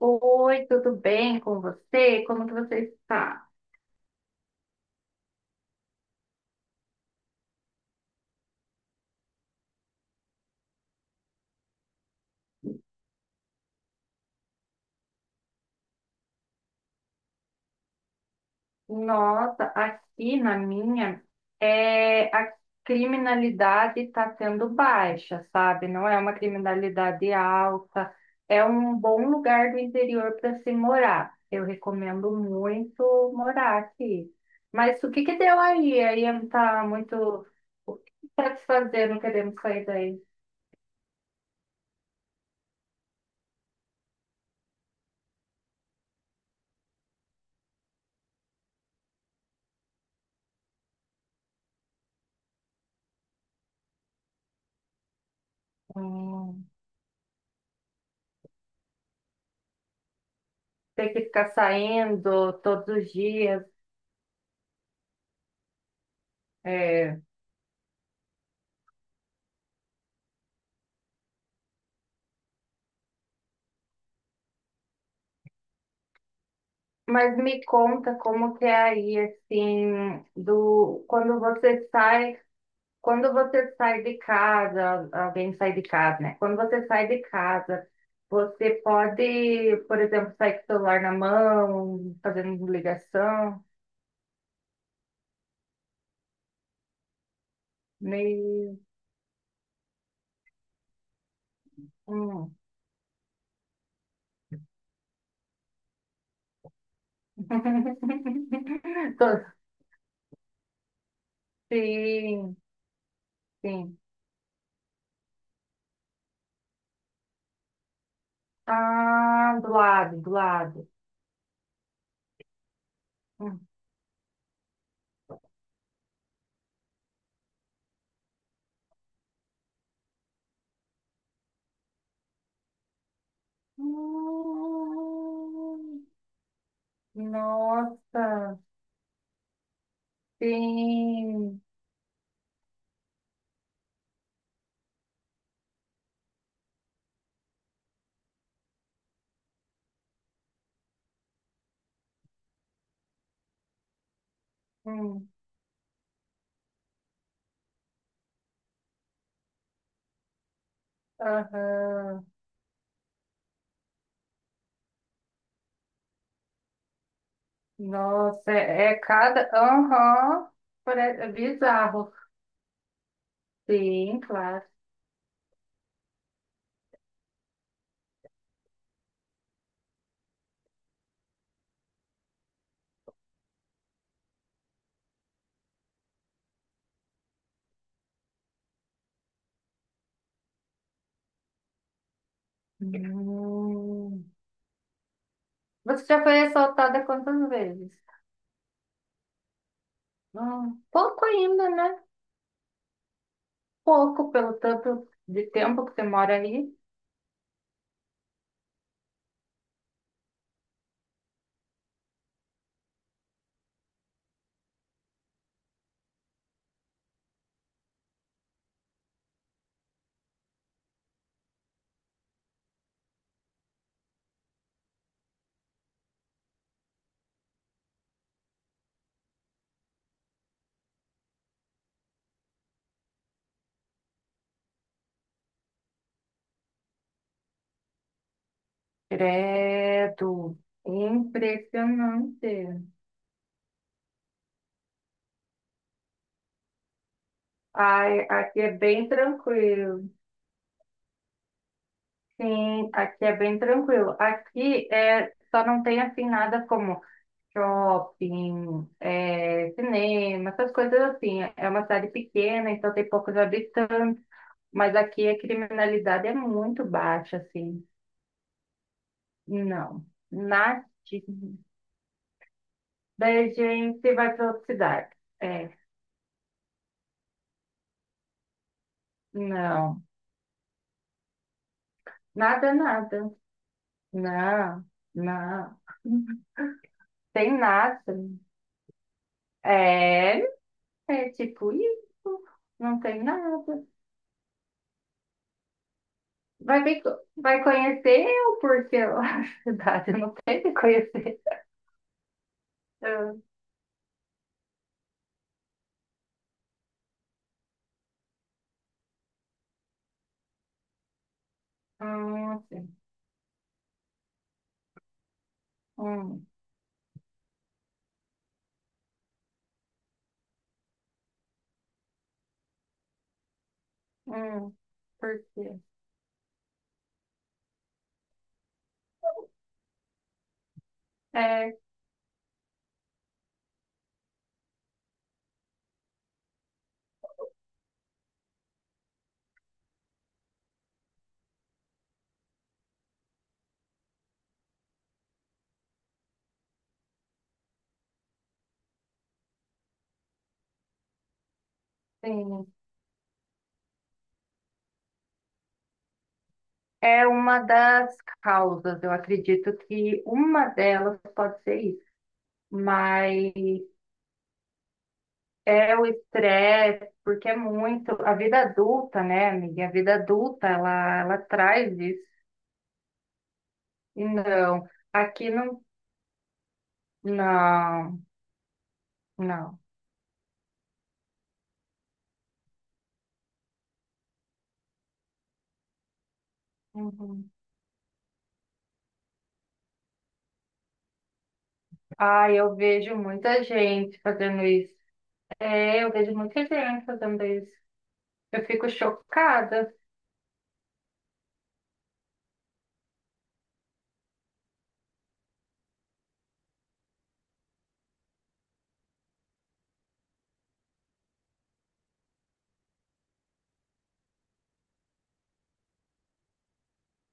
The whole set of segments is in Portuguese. Oi, tudo bem com você? Como que você está? Nossa, aqui na minha, a criminalidade está tendo baixa, sabe? Não é uma criminalidade alta, é um bom lugar do interior para se morar. Eu recomendo muito morar aqui. Mas o que que deu aí? Aí está muito... O que está te fazendo? Queremos sair daí. Hum, ter que ficar saindo todos os dias. É. Mas me conta como que é aí, assim, do quando você sai de casa, alguém sai de casa, né? Quando você sai de casa, você pode, por exemplo, sair com o celular na mão, fazendo ligação, meio. Hum. Tô- Sim, sim. Ah, do lado, do lado. Hum. Hum. Nossa. Sim. Hum. Aham. Nossa, é, é cada. Aham. Pare- É bizarro. Sim, claro. Hum. Você já foi assaltada quantas vezes? Hum. Pouco ainda, né? Pouco pelo tanto de tempo que você mora aí. Credo. Impressionante. Ai, aqui é bem tranquilo. Sim, aqui é bem tranquilo. Aqui é, só não tem assim nada como shopping, cinema, essas coisas assim. É uma cidade pequena, então tem poucos habitantes, mas aqui a criminalidade é muito baixa, assim. Não. Nada. Daí a gente vai para outra cidade. É, não. Nada, nada. Não, não. Tem nada. É, é tipo isso. Não tem nada. Vai, ver, co- vai conhecer eu, porque a cidade não tem que conhecer. Ah, assim. Hum, hum, por quê? É, sim. É uma das causas. Eu acredito que uma delas pode ser isso. Mas é o estresse, porque é muito. A vida adulta, né, amiga? A vida adulta, ela traz isso. E não, aqui não. Não, não. Uhum. Ah, eu vejo muita gente fazendo isso. É, eu vejo muita gente fazendo isso. Eu fico chocada.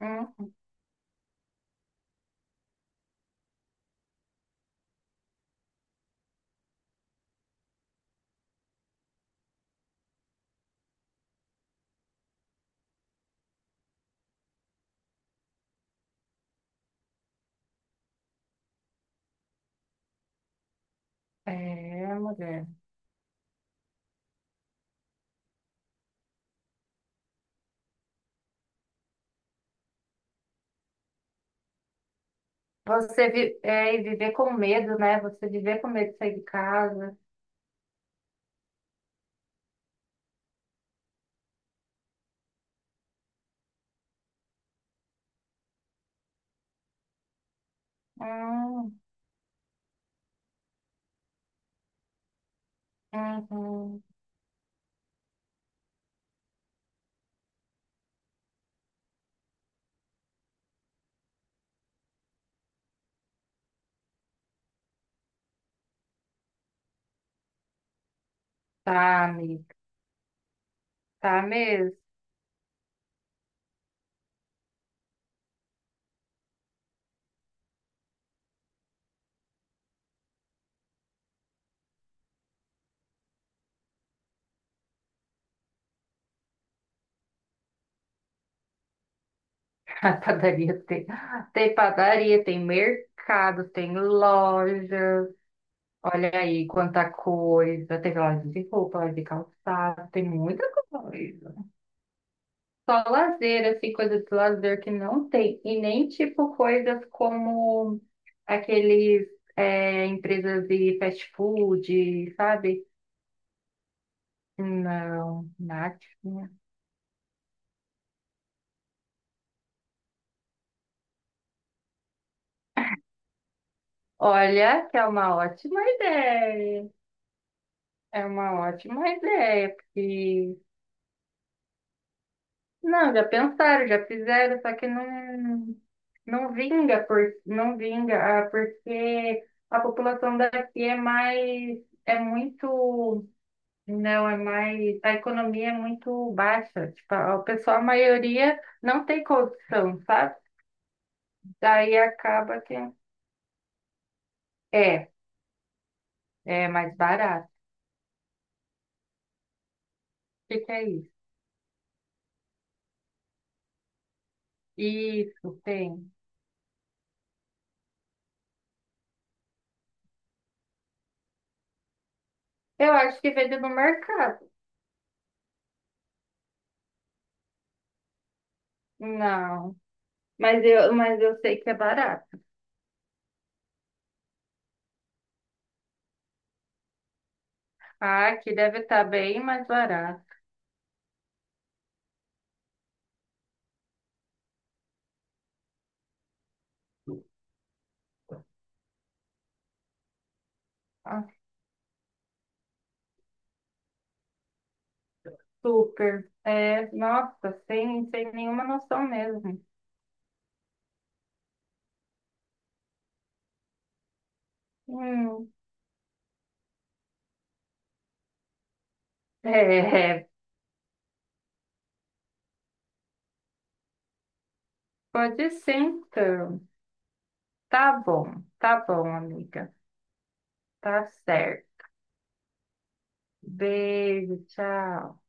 Hum, é, mulher. Você vi, e viver com medo, né? Você viver com medo de sair de casa. Hum, uhum. Tá, amiga. Tá mesmo. A padaria tem, tem padaria, tem mercado, tem loja. Olha aí quanta coisa. Tem loja de roupa, loja de calçado, tem muita coisa. Só lazer, assim, coisa de lazer que não tem. E nem, tipo, coisas como aqueles, empresas de fast food, sabe? Não, nada. Olha, que é uma ótima ideia. É uma ótima ideia, porque... Não, já pensaram, já fizeram, só que não, não vinga, por, não vinga, ah, porque a população daqui é mais... É muito. Não, é mais. A economia é muito baixa. Tipo, a- o pessoal, a maioria não tem condição, sabe? Daí acaba que é, é mais barato. O que que é isso? Isso, tem. Eu acho que vende no mercado. Não, mas eu sei que é barato. Ah, aqui deve estar bem mais barato. Ah, super. É, nossa, sem, sem nenhuma noção mesmo. Hum, é, é. Pode ser então. Tá bom, amiga. Tá certo. Beijo, tchau.